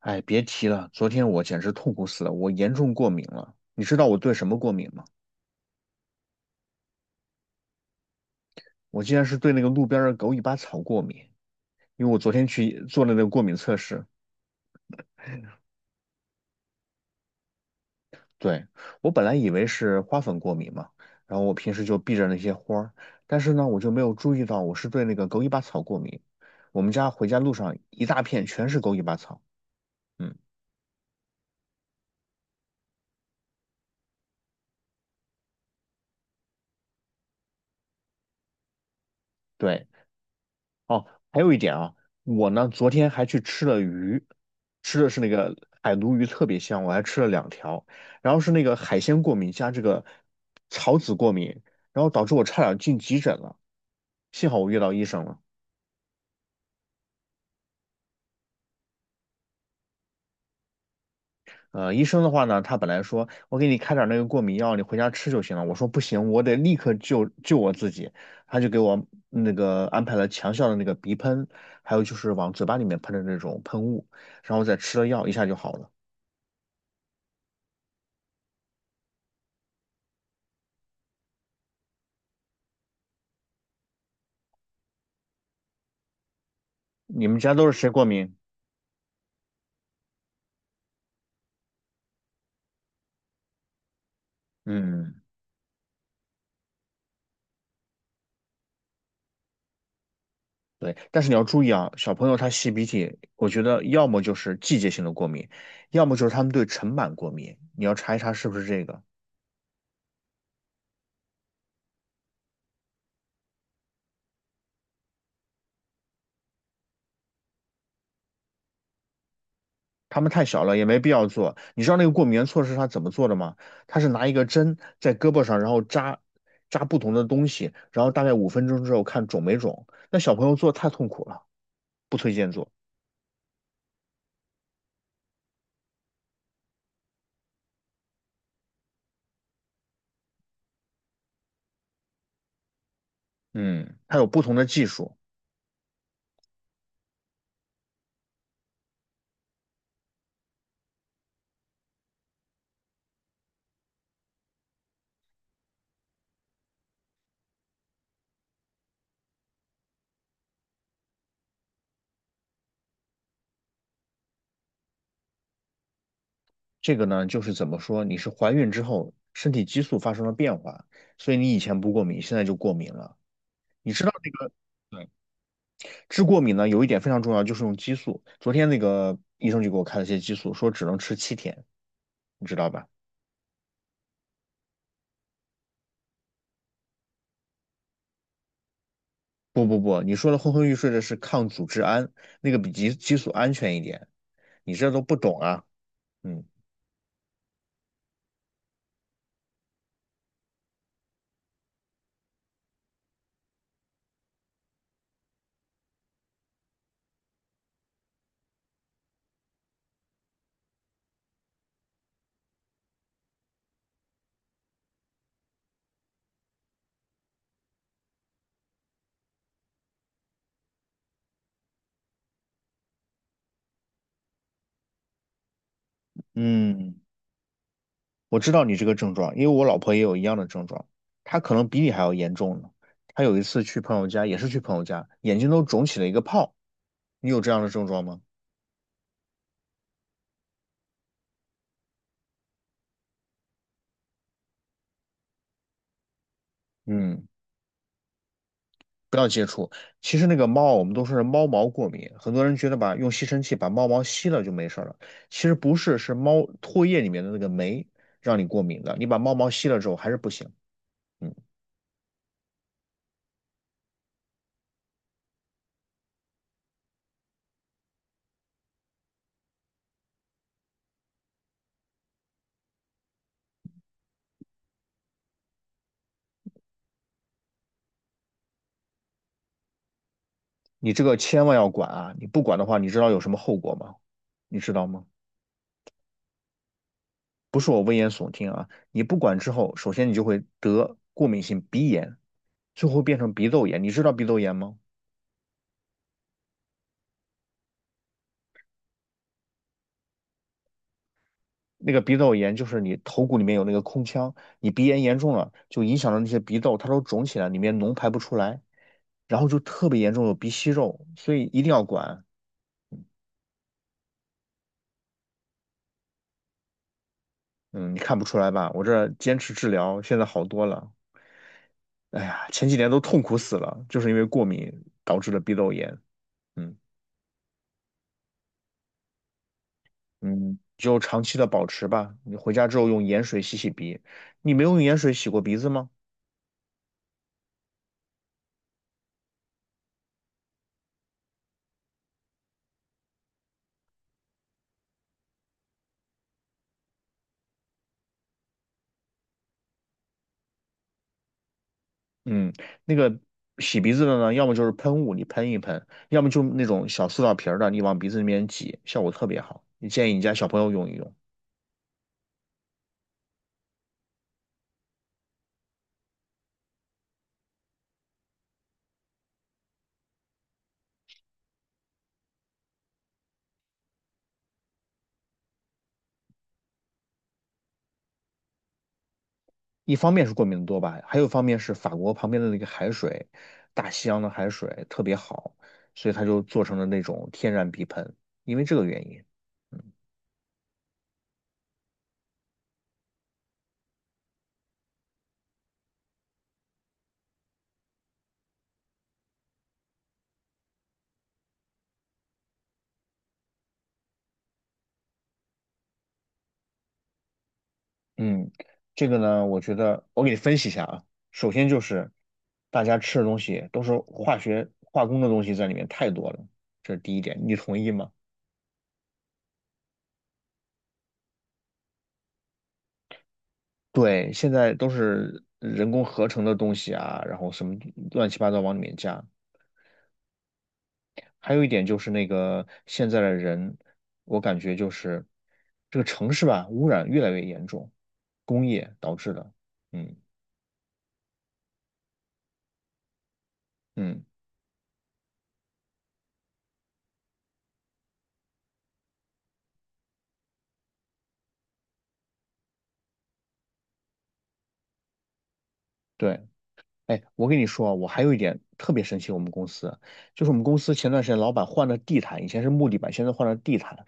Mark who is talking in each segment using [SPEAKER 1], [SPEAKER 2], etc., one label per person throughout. [SPEAKER 1] 哎，别提了，昨天我简直痛苦死了，我严重过敏了。你知道我对什么过敏吗？我竟然是对那个路边儿的狗尾巴草过敏，因为我昨天去做了那个过敏测试。对，我本来以为是花粉过敏嘛，然后我平时就避着那些花儿，但是呢，我就没有注意到我是对那个狗尾巴草过敏。我们家回家路上一大片全是狗尾巴草。嗯，对。哦，还有一点啊，我呢昨天还去吃了鱼，吃的是那个海鲈鱼，特别香，我还吃了两条。然后是那个海鲜过敏加这个草籽过敏，然后导致我差点进急诊了，幸好我遇到医生了。医生的话呢，他本来说我给你开点儿那个过敏药，你回家吃就行了。我说不行，我得立刻救我自己。他就给我那个安排了强效的那个鼻喷，还有就是往嘴巴里面喷的那种喷雾，然后再吃了药，一下就好了。你们家都是谁过敏？嗯，对，但是你要注意啊，小朋友他吸鼻涕，我觉得要么就是季节性的过敏，要么就是他们对尘螨过敏，你要查是不是这个。他们太小了，也没必要做。你知道那个过敏原措施他怎么做的吗？他是拿一个针在胳膊上，然后扎不同的东西，然后大概五分钟之后看肿没肿。那小朋友做太痛苦了，不推荐做。嗯，他有不同的技术。这个呢，就是怎么说，你是怀孕之后身体激素发生了变化，所以你以前不过敏，现在就过敏了。你知道这个，对，治过敏呢有一点非常重要，就是用激素。昨天那个医生就给我开了些激素，说只能吃七天，你知道吧？不不不，你说的昏昏欲睡的是抗组织胺，那个比激素安全一点。你这都不懂啊。嗯嗯。我知道你这个症状，因为我老婆也有一样的症状，她可能比你还要严重呢。她有一次去朋友家，也是去朋友家，眼睛都肿起了一个泡。你有这样的症状吗？嗯，不要接触。其实那个猫，我们都说是猫毛过敏，很多人觉得吧，用吸尘器把猫毛吸了就没事儿了。其实不是，是猫唾液里面的那个酶让你过敏的。你把猫毛吸了之后还是不行。嗯，你这个千万要管啊！你不管的话，你知道有什么后果吗？你知道吗？你不管之后，首先你就会得过敏性鼻炎，最后变成鼻窦炎。你知道鼻窦炎吗？那个鼻窦炎就是你头骨里面有那个空腔，你鼻炎严重了，就影响到那些鼻窦，它都肿起来，里面脓排不出来，然后就特别严重，有鼻息肉，所以一定要管。嗯，你看不出来吧？我这坚持治疗，现在好多了。哎呀，前几年都痛苦死了，就是因为过敏导致的鼻窦炎。嗯。嗯，就长期的保持吧。你回家之后用盐水洗洗鼻，你没有用盐水洗过鼻子吗？嗯，那个洗鼻子的呢，要么就是喷雾，你喷，要么就那种小塑料瓶儿的，你往鼻子里面挤，效果特别好。你建议你家小朋友用。一方面是过敏的多吧，还有一方面是法国旁边的那个海水，大西洋的海水特别好，所以它就做成了那种天然鼻喷，因为这个原因。嗯，这个呢，我觉得我给你分析一下啊。首先就是大家吃的东西都是化学化工的东西在里面太多了，这是第一点，你同意吗？对，现在都是人工合成的东西啊，然后什么乱七八糟往里面加。还有一点就是那个现在的人，我感觉就是这个城市吧，污染越来越严重，工业导致的。嗯嗯。对。哎，我跟你说啊，我还有一点特别生气，我们公司就是我们公司前段时间老板换了地毯，以前是木地板，现在换了地毯。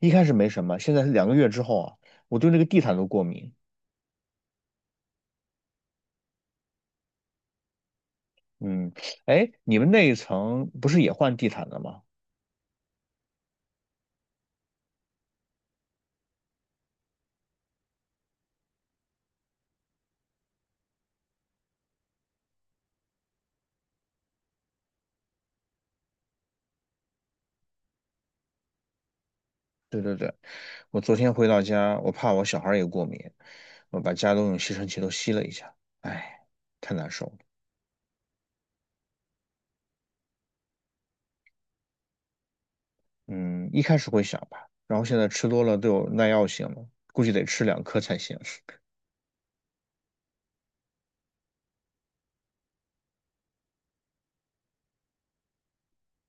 [SPEAKER 1] 一开始没什么，现在是两个月之后啊，我对那个地毯都过敏。嗯，哎，你们那一层不是也换地毯了吗？对对对，我昨天回到家，我怕我小孩儿也过敏，我把家都用吸尘器都吸了一下，哎，太难受了。嗯，一开始会想吧，然后现在吃多了都有耐药性了，估计得吃两颗才行。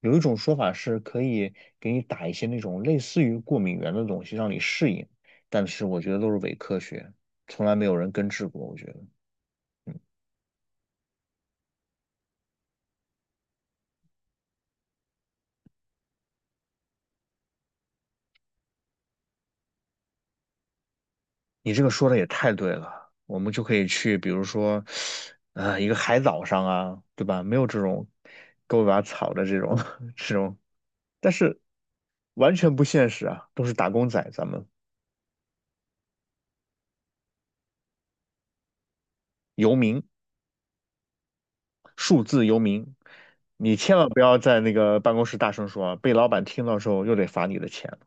[SPEAKER 1] 有一种说法是可以给你打一些那种类似于过敏源的东西让你适应，但是我觉得都是伪科学，从来没有人根治过。我觉得你这个说的也太对了，我们就可以去，比如说，啊、一个海岛上啊，对吧？没有这种狗尾巴草的这种 这种，但是完全不现实啊，都是打工仔，咱们游民，数字游民，你千万不要在那个办公室大声说啊，被老板听到之后又得罚你的钱。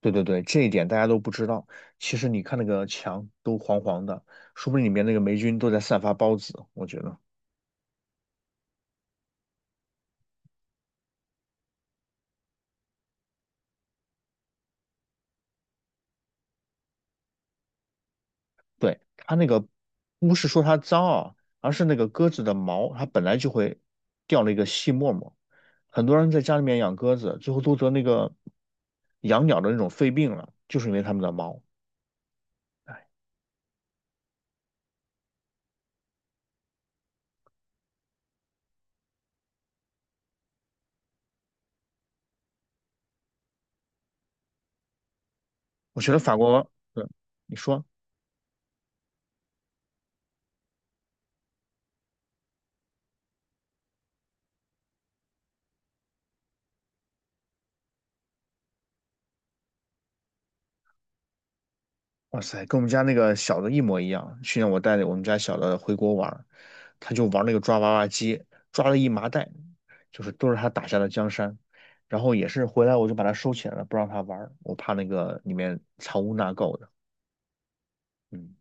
[SPEAKER 1] 对对对，这一点大家都不知道。其实你看那个墙都黄黄的，说不定里面那个霉菌都在散发孢子。我觉得，对，它那个不是说它脏啊，而是那个鸽子的毛，它本来就会掉了一个细沫沫。很多人在家里面养鸽子，最后都得那个养鸟的那种肺病了，就是因为它们的毛。哎，我觉得法国，对，你说。哇塞，跟我们家那个小的一模一样。去年我带着我们家小的回国玩儿，他就玩那个抓娃娃机，抓了一麻袋，就是都是他打下的江山。然后也是回来我就把它收起来了，不让他玩儿，我怕那个里面藏污纳垢的。嗯，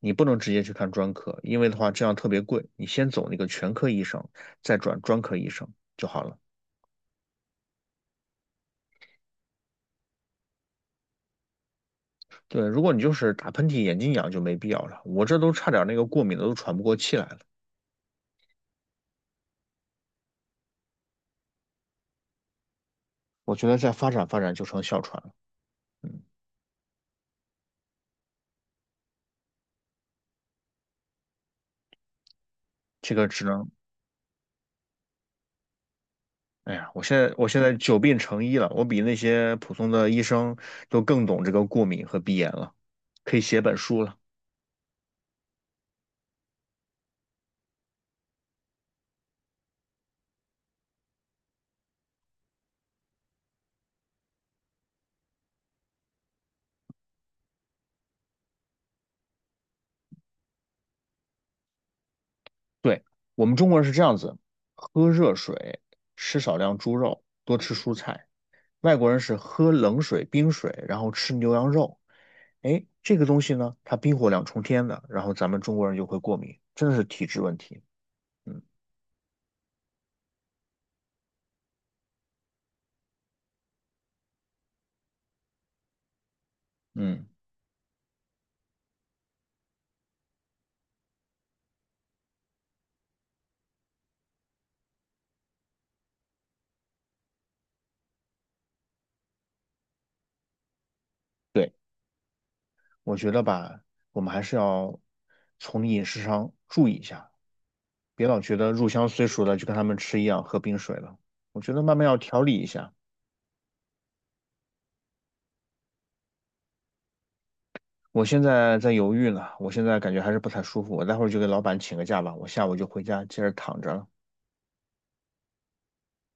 [SPEAKER 1] 你不能直接去看专科，因为的话这样特别贵。你先走那个全科医生，再转专科医生就好了。对，如果你就是打喷嚏、眼睛痒就没必要了。我这都差点那个过敏的都喘不过气来了。我觉得再发展就成哮喘了。嗯。这个只能，哎呀，我现在久病成医了，我比那些普通的医生都更懂这个过敏和鼻炎了，可以写本书了。对，我们中国人是这样子，喝热水，吃少量猪肉，多吃蔬菜。外国人是喝冷水、冰水，然后吃牛羊肉。哎，这个东西呢，它冰火两重天的，然后咱们中国人就会过敏，真的是体质问题。嗯嗯，对，我觉得吧，我们还是要从饮食上注意一下。别老觉得入乡随俗了，就跟他们吃一样，喝冰水了。我觉得慢慢要调理一下。我现在在犹豫呢，我现在感觉还是不太舒服，我待会儿就给老板请个假吧，我下午就回家接着躺着了。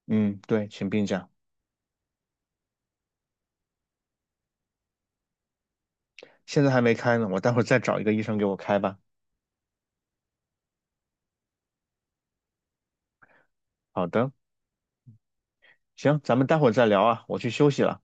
[SPEAKER 1] 嗯，对，请病假，现在还没开呢，我待会儿再找一个医生给我开吧。好的，行，咱们待会儿再聊啊，我去休息了。